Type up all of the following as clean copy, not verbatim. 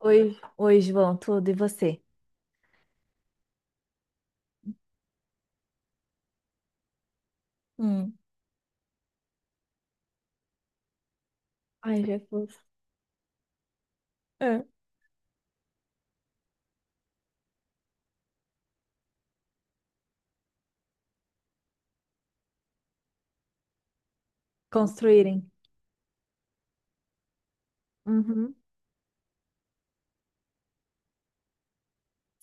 Oi, oi, João, tudo e você? Hum. Ai, Jesus. É. Construírem. Uhum.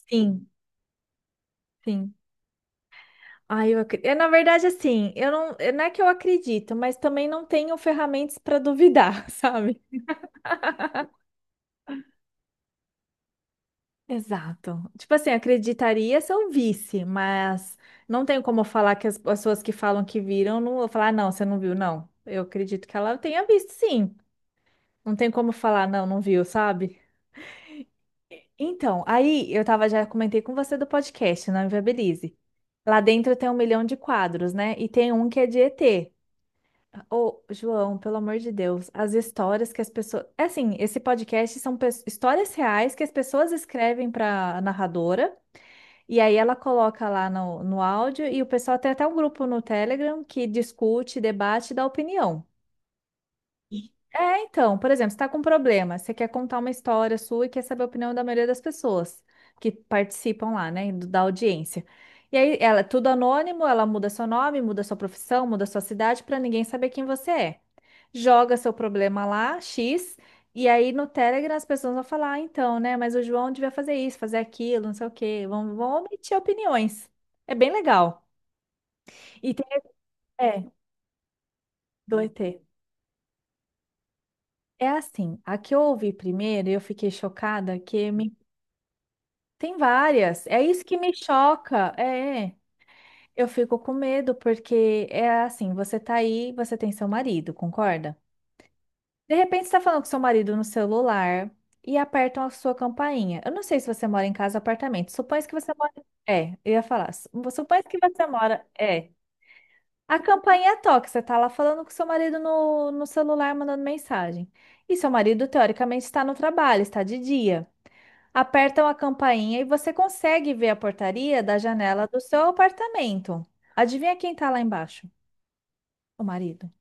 Sim, sim. Ai, eu acredito. Na verdade, assim, eu não, não é que eu acredito, mas também não tenho ferramentas para duvidar, sabe? Exato. Tipo assim, acreditaria se eu visse, mas não tenho como falar que as pessoas que falam que viram, não vou falar, "Ah, não, você não viu, não. Eu acredito que ela tenha visto, sim. Não tem como falar, não, não viu, sabe? Então, aí eu tava, já comentei com você do podcast, não Inviabilize. Lá dentro tem um milhão de quadros, né? E tem um que é de ET. Ô, João, pelo amor de Deus, as histórias que as pessoas. É assim, esse podcast são histórias reais que as pessoas escrevem para a narradora, e aí ela coloca lá no áudio, e o pessoal tem até um grupo no Telegram que discute, debate e dá opinião. É, então, por exemplo, você está com um problema, você quer contar uma história sua e quer saber a opinião da maioria das pessoas que participam lá, né, da audiência. E aí, ela é tudo anônimo, ela muda seu nome, muda sua profissão, muda sua cidade para ninguém saber quem você é. Joga seu problema lá, X, e aí no Telegram as pessoas vão falar, ah, então, né, mas o João devia fazer isso, fazer aquilo, não sei o quê, vão omitir opiniões. É bem legal. E tem, é, do ET. É assim, a que eu ouvi primeiro, eu fiquei chocada que me. Tem várias. É isso que me choca. É, eu fico com medo porque é assim, você tá aí, você tem seu marido, concorda? De repente você tá falando com seu marido no celular e apertam a sua campainha. Eu não sei se você mora em casa ou apartamento. Supõe que você mora. É, eu ia falar. Supõe que você mora. É. A campainha toca, você tá lá falando com seu marido no celular, mandando mensagem. E seu marido, teoricamente, está no trabalho, está de dia, apertam a campainha e você consegue ver a portaria da janela do seu apartamento. Adivinha quem tá lá embaixo? O marido.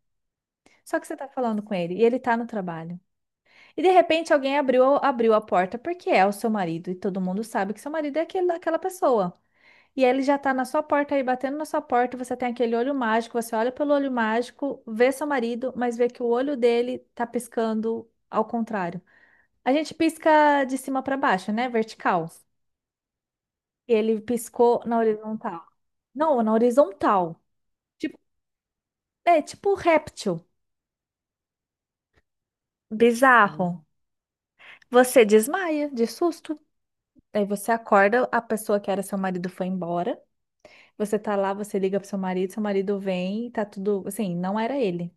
Só que você tá falando com ele e ele tá no trabalho. E de repente alguém abriu a porta porque é o seu marido e todo mundo sabe que seu marido é aquele, aquela pessoa. E ele já tá na sua porta aí, batendo na sua porta, você tem aquele olho mágico, você olha pelo olho mágico, vê seu marido, mas vê que o olho dele tá piscando ao contrário. A gente pisca de cima para baixo, né? Vertical. Ele piscou na horizontal. Não, na horizontal. Tipo, é tipo um réptil. Bizarro. Você desmaia de susto. Aí você acorda, a pessoa que era seu marido foi embora. Você tá lá, você liga pro seu marido vem, e tá tudo. Assim, não era ele. O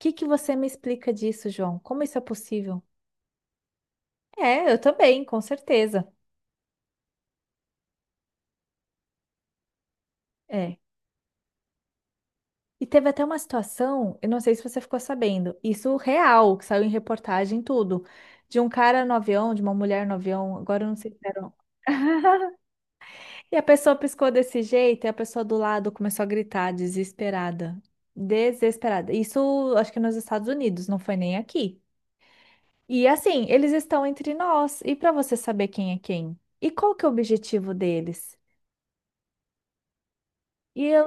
que que você me explica disso, João? Como isso é possível? É, eu também, com certeza. É. E teve até uma situação, eu não sei se você ficou sabendo, isso real, que saiu em reportagem, e tudo, de um cara no avião, de uma mulher no avião, agora eu não sei se era. E a pessoa piscou desse jeito, e a pessoa do lado começou a gritar, desesperada. Desesperada. Isso acho que nos Estados Unidos, não foi nem aqui. E assim, eles estão entre nós, e para você saber quem é quem? E qual que é o objetivo deles? E eu,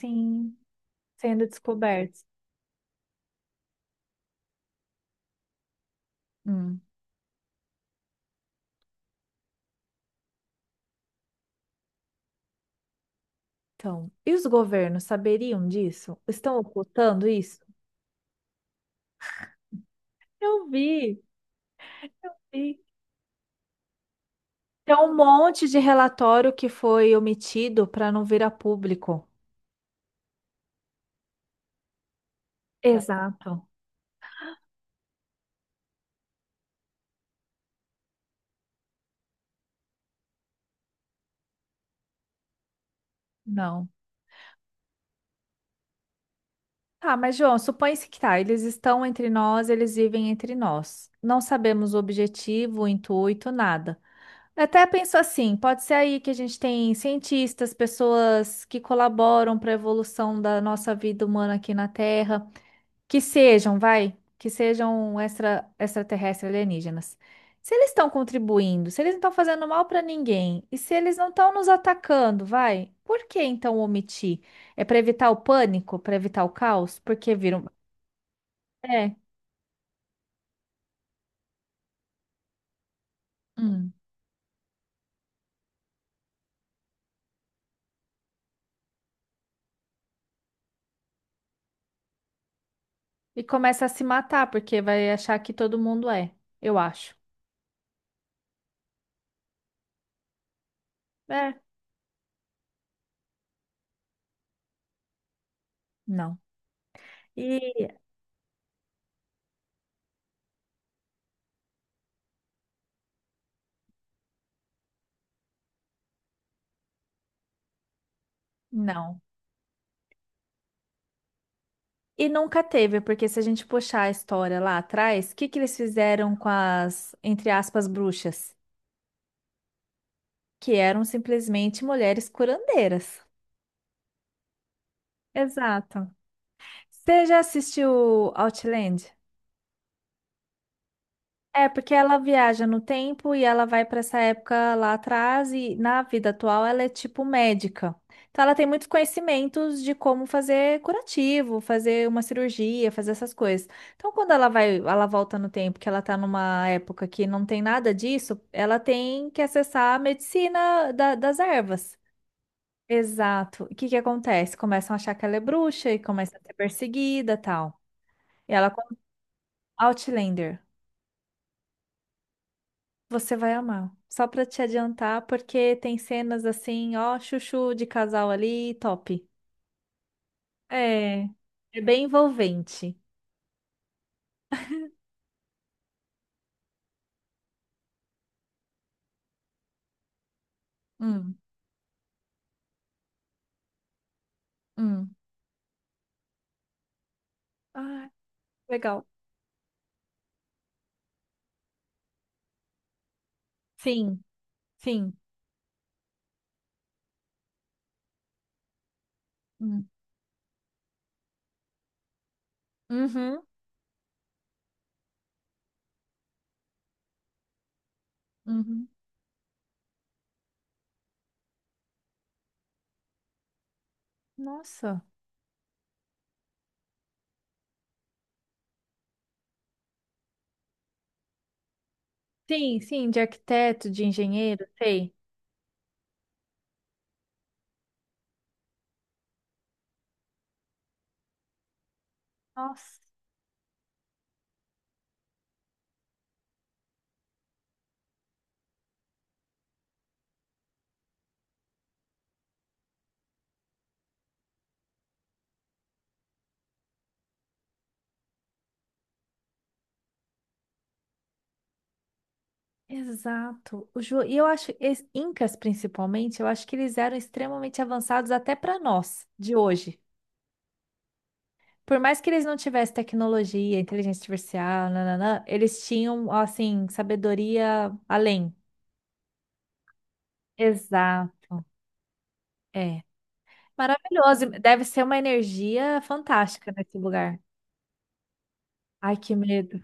sim, sendo descobertos. Hum. Então, e os governos saberiam disso? Estão ocultando isso? Eu vi. Sim. Tem um monte de relatório que foi omitido para não vir a público. Exato. Não. Tá, mas João, supõe-se que tá, eles estão entre nós, eles vivem entre nós. Não sabemos o objetivo, o intuito, nada. Até penso assim, pode ser aí que a gente tem cientistas, pessoas que colaboram para a evolução da nossa vida humana aqui na Terra. Que sejam, vai, que sejam extraterrestres alienígenas. Se eles estão contribuindo, se eles não estão fazendo mal para ninguém, e se eles não estão nos atacando, vai, por que então omitir? É para evitar o pânico, para evitar o caos? Porque viram. É. Hum. E começa a se matar, porque vai achar que todo mundo é, eu acho. É, não. E não. E nunca teve, porque se a gente puxar a história lá atrás, o que que eles fizeram com as, entre aspas, bruxas? Que eram simplesmente mulheres curandeiras. Exato. Você já assistiu Outland? É, porque ela viaja no tempo e ela vai para essa época lá atrás e na vida atual ela é tipo médica. Então ela tem muitos conhecimentos de como fazer curativo, fazer uma cirurgia, fazer essas coisas. Então quando ela vai, ela volta no tempo, que ela tá numa época que não tem nada disso, ela tem que acessar a medicina das ervas. Exato. O que que acontece? Começam a achar que ela é bruxa e começa a ser perseguida, tal. E ela com. Outlander. Você vai amar. Só pra te adiantar, porque tem cenas assim, ó, chuchu de casal ali, top. É, é bem envolvente. Hum, hum. Ah, legal. Sim, sim. Hum. Uhum, uhum. Nossa. Sim, sim, de arquiteto, de engenheiro, sei. Nossa. Exato. O Ju... E eu acho, incas principalmente, eu acho que eles eram extremamente avançados até para nós, de hoje. Por mais que eles não tivessem tecnologia, inteligência artificial, nananã, eles tinham, assim, sabedoria além. Exato. É. Maravilhoso. Deve ser uma energia fantástica nesse lugar. Ai, que medo.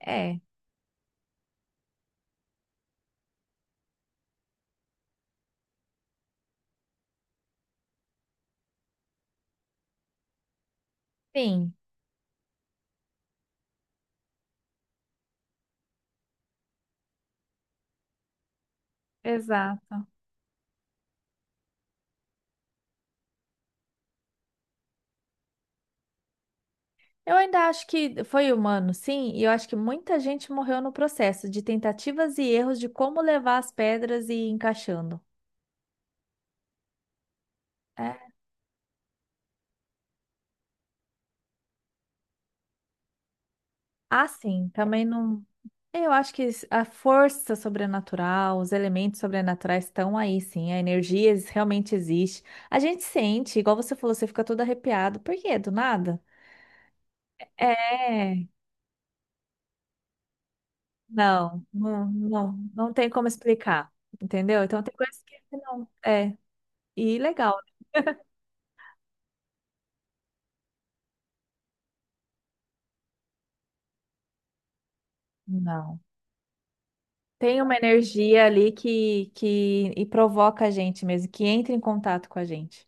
É, sim, exato. Eu ainda acho que foi humano, sim, e eu acho que muita gente morreu no processo de tentativas e erros de como levar as pedras e ir encaixando. É. Ah, sim, também não. Eu acho que a força sobrenatural, os elementos sobrenaturais estão aí, sim. A energia realmente existe. A gente sente, igual você falou, você fica todo arrepiado. Por quê? Do nada? É, não, não, não, não tem como explicar, entendeu? Então tem coisas que não. É, e legal. Não. Tem uma energia ali que, que provoca a gente mesmo, que entra em contato com a gente.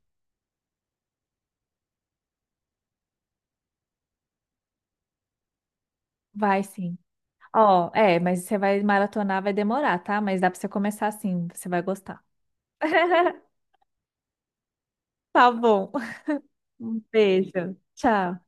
Vai sim. Ó, é, mas você vai maratonar, vai demorar, tá? Mas dá pra você começar assim, você vai gostar. Tá bom. Um beijo. Tchau.